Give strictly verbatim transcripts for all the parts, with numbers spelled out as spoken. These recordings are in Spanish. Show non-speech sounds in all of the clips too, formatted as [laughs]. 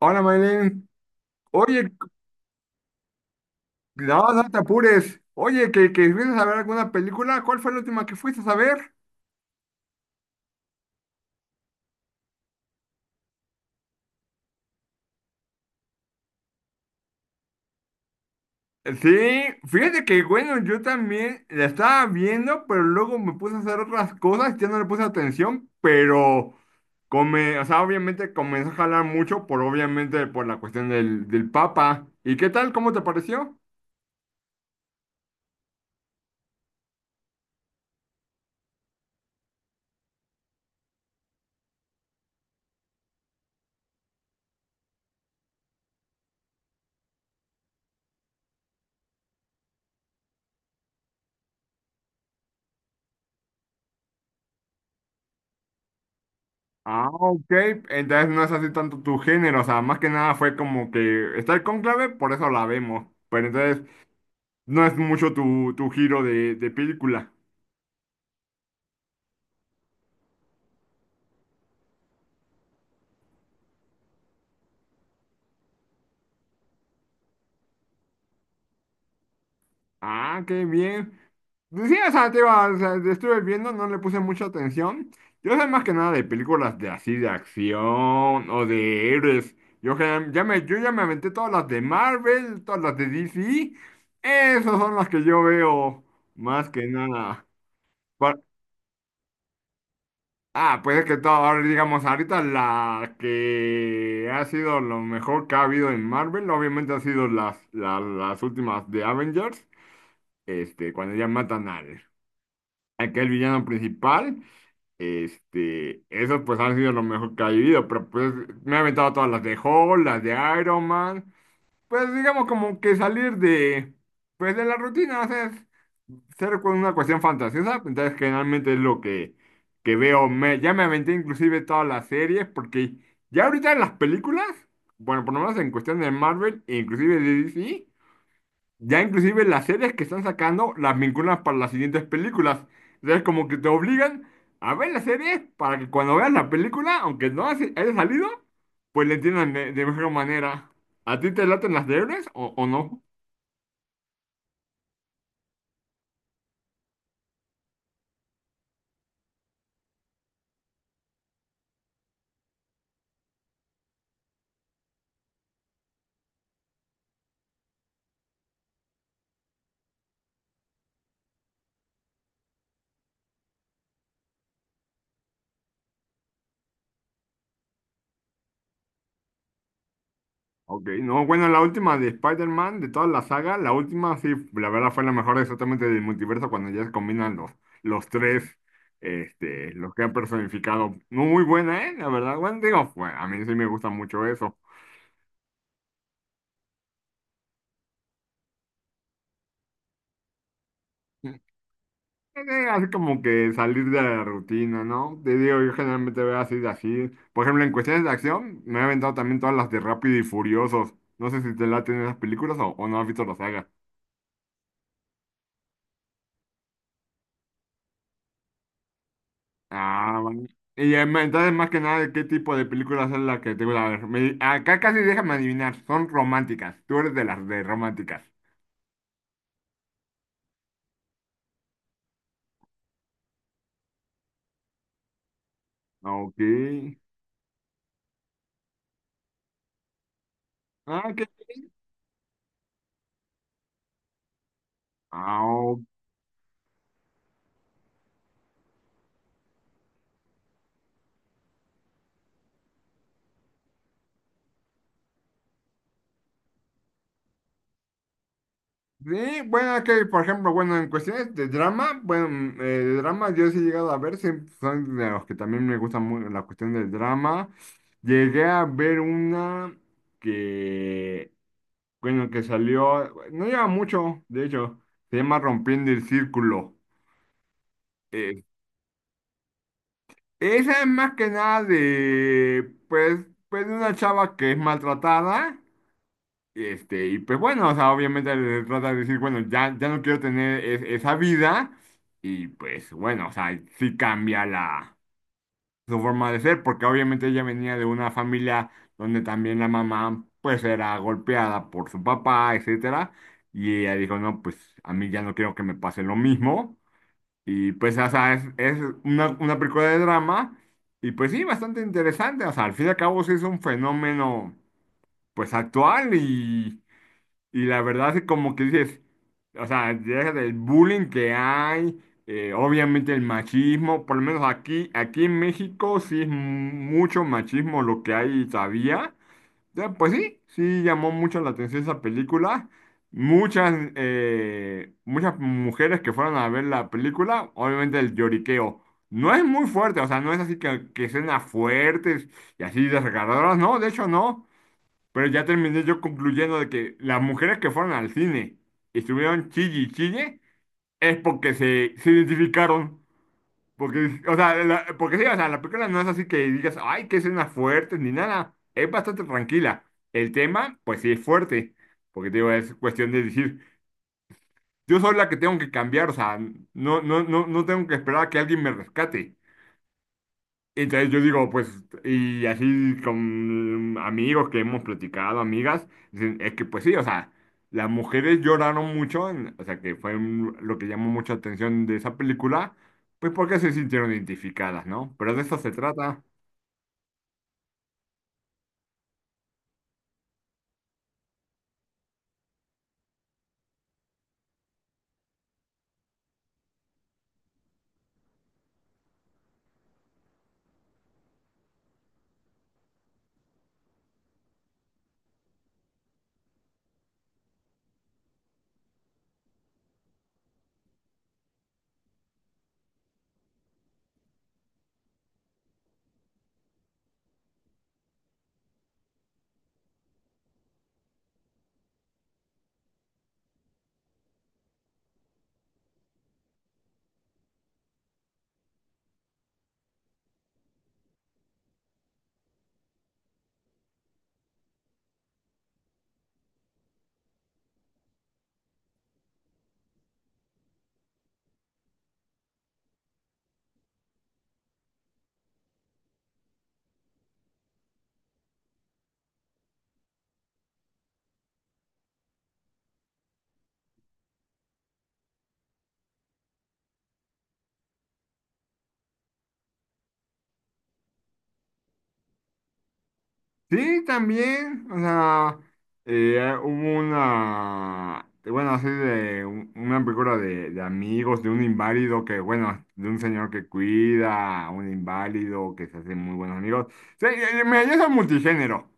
Hola, Maylene. Oye, no, no te apures. Oye, ¿que, que fuiste a ver alguna película? ¿Cuál fue la última que fuiste a ver? Sí, fíjate que bueno, yo también la estaba viendo, pero luego me puse a hacer otras cosas, ya no le puse atención, pero come, o sea, obviamente comenzó a jalar mucho por obviamente por la cuestión del, del Papa. ¿Y qué tal? ¿Cómo te pareció? Ah, ok, entonces no es así tanto tu género, o sea, más que nada fue como que está el cónclave, por eso la vemos. Pero entonces, no es mucho tu, tu giro de, de película. Ah, qué bien. Pues sí, o sea, te iba, o sea, estuve viendo, no le puse mucha atención. Yo sé más que nada de películas de así, de acción o de héroes. Yo, general- ya me, yo ya me aventé todas las de Marvel, todas las de D C. Esas son las que yo veo más que nada. Ah, pues es que todo, ahora digamos, ahorita la que ha sido lo mejor que ha habido en Marvel, obviamente ha sido las, la- las últimas de Avengers, este, cuando ya matan al, aquel villano principal, este, esos pues han sido lo mejor que ha habido, pero pues me he aventado todas las de Hulk, las de Iron Man, pues digamos como que salir de, pues de la rutina, ser con una cuestión fantasiosa, entonces generalmente es lo que, que veo. Me, ya me aventé inclusive todas las series, porque ya ahorita en las películas, bueno, por lo menos en cuestión de Marvel e inclusive de D C, ya inclusive las series que están sacando las vinculan para las siguientes películas. Entonces como que te obligan a ver las series para que cuando veas la película, aunque no haya haya salido, pues le entiendan de, de mejor manera. ¿A ti te laten las de héroes o, o no? Ok, no, bueno, la última de Spider-Man, de toda la saga, la última sí, la verdad fue la mejor exactamente del multiverso cuando ya se combinan los, los tres, este, los que han personificado. No, muy buena, ¿eh? La verdad, bueno, digo, fue- a mí sí me gusta mucho eso. Eh, eh, Así como que salir de la rutina, ¿no? Te digo, yo generalmente veo así de así. Por ejemplo, en cuestiones de acción, me he aventado también todas las de Rápido y Furiosos. No sé si te laten esas películas o, o no has visto la saga. Ah, bueno. Y em, entonces, más que nada, ¿qué tipo de películas es la que te gusta ver? Me- acá casi déjame adivinar, son románticas. Tú eres de las de románticas. Ah, ok. Ah, ok. Ah, ok. Sí, bueno, es que, por ejemplo, bueno, en cuestiones de drama, bueno, mm, eh, de drama yo sí he llegado a ver, sí, son de los que también me gusta muy la cuestión del drama. Llegué a ver una que, bueno, que salió, no lleva mucho, de hecho, se llama Rompiendo el Círculo. Eh, Esa es más que nada de, pues, pues de una chava que es maltratada, este, y pues bueno, o sea, obviamente le trata de decir, bueno, ya, ya no quiero tener es- esa vida, y pues bueno, o sea, sí cambia la, su forma de ser, porque obviamente ella venía de una familia donde también la mamá, pues, era golpeada por su papá, etcétera, y ella dijo, no, pues, a mí ya no quiero que me pase lo mismo, y pues, o sea, es, es una, una película de drama y pues sí, bastante interesante. O sea, al fin y al cabo sí es un fenómeno pues actual y, y la verdad es como que dices, o sea, deja del bullying que hay, eh, obviamente el machismo, por lo menos aquí, aquí en México sí es mucho machismo lo que hay todavía. Eh, Pues sí, sí llamó mucho la atención esa película. Muchas, eh, muchas mujeres que fueron a ver la película, obviamente el lloriqueo. No es muy fuerte, o sea, no es así que, que escenas fuertes y así desgarradoras, no, de hecho no. Pero ya terminé yo concluyendo de que las mujeres que fueron al cine y estuvieron chille y chille es porque se, se identificaron. Porque, o sea, la, porque sí, o sea, la película no es así que digas, ay, que escena fuerte, ni nada. Es bastante tranquila. El tema, pues sí es fuerte. Porque te digo, es cuestión de decir, yo soy la que tengo que cambiar, o sea, no, no, no, no tengo que esperar a que alguien me rescate. Entonces yo digo, pues, y así con amigos que hemos platicado, amigas, dicen, es que pues sí, o sea, las mujeres lloraron mucho, en- o sea, que fue un- lo que llamó mucha atención de esa película, pues porque se sintieron identificadas, ¿no? Pero de eso se trata. Sí, también, o sea, eh, hubo una, bueno, así de un- una película de, de amigos, de un inválido que, bueno, de un señor que cuida a un inválido que se hace muy buenos amigos. Sí, eh, mira, yo soy multigénero.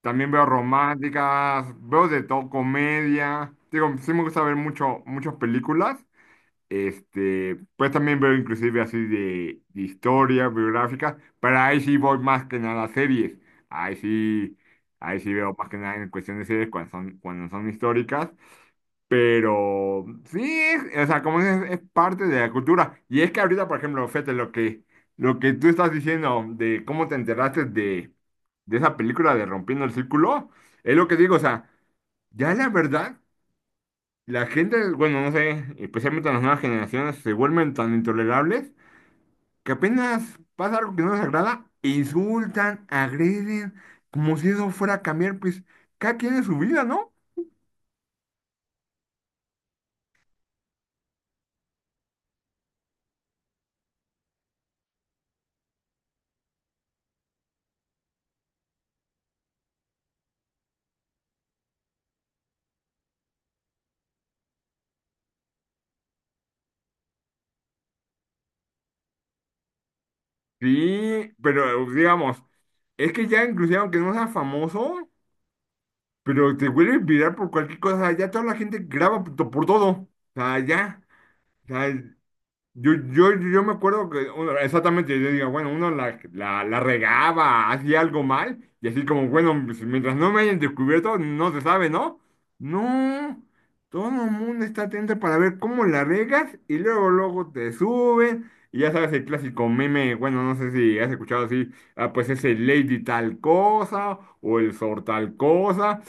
También veo románticas, veo de todo, comedia. Digo, sí me gusta ver mucho, muchas películas. Este, pues también veo inclusive así de, de historia, biográfica, pero ahí sí voy más que nada a series. Ahí sí, ahí sí veo más que nada en cuestión de series cuando son, cuando son históricas. Pero sí, es, o sea, como dices, es parte de la cultura. Y es que ahorita, por ejemplo, fíjate lo que, lo que tú estás diciendo de cómo te enteraste de, de esa película de Rompiendo el Círculo, es lo que digo, o sea, ya la verdad. La gente, bueno, no sé, especialmente las nuevas generaciones, se vuelven tan intolerables que apenas pasa algo que no les agrada, insultan, agreden, como si eso fuera a cambiar, pues cada quien en su vida, ¿no? Sí, pero digamos, es que ya inclusive aunque no seas famoso, pero te vuelves viral por cualquier cosa, ya toda la gente graba por, por todo, o sea, ya, o sea, Yo, yo, yo me acuerdo que bueno, exactamente, yo digo, bueno, uno la, la, la regaba, hacía algo mal, y así como, bueno, pues, mientras no me hayan descubierto, no se sabe, ¿no? No, todo el mundo está atento para ver cómo la regas, y luego, luego te suben, y ya sabes el clásico meme, bueno, no sé si has escuchado así, ah, pues ese Lady tal cosa, o el Sor tal cosa,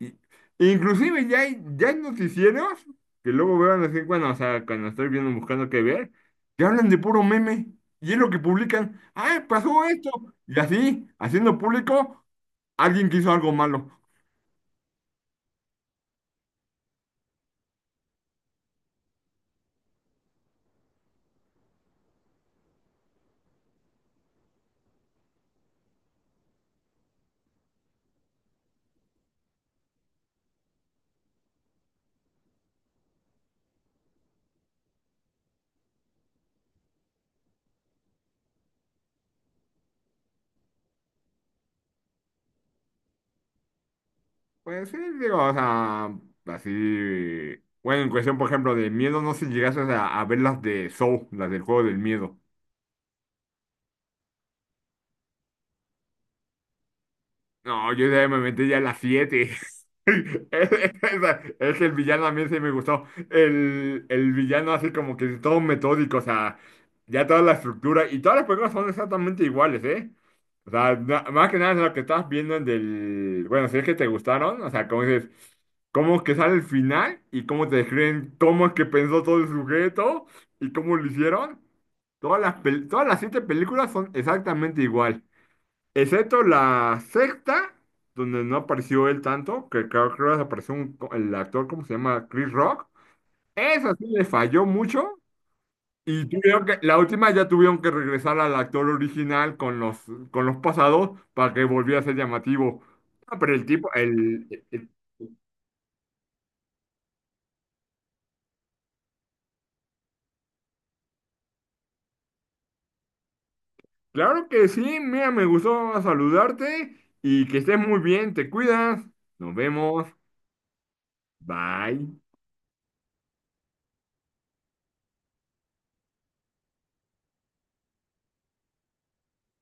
I- Inclusive ya hay, ya hay noticieros que luego vean así bueno, o sea, cuando estoy viendo buscando qué ver, que hablan de puro meme y es lo que publican. ¡Ay, pasó esto! Y así, haciendo público, alguien que hizo algo malo. Pues sí, digo, o sea, así. Bueno, en cuestión, por ejemplo, de miedo, no sé si llegaste a, a ver las de Saw, las del juego del miedo. No, yo ya me metí ya a las siete [laughs] Esa- Es que el villano a mí sí me gustó. El, el villano así como que todo metódico, o sea, ya toda la estructura y todas las películas son exactamente iguales, ¿eh? O sea, na- más que nada es lo que estás viendo en del. Bueno, si es que te gustaron, o sea, como dices, cómo es que sale el final y cómo te describen cómo es que pensó todo el sujeto y cómo lo hicieron. Todas las, pel- todas las siete películas son exactamente igual. Excepto la sexta, donde no apareció él tanto, que creo que apareció un- el actor, ¿cómo se llama? Chris Rock. Esa sí le falló mucho. Y tuvieron que, la última ya tuvieron que regresar al actor original con los, con los pasados para que volviera a ser llamativo. Ah, pero el tipo. el, el- claro que sí, mira, me gustó saludarte y que estés muy bien, te cuidas. Nos vemos. Bye.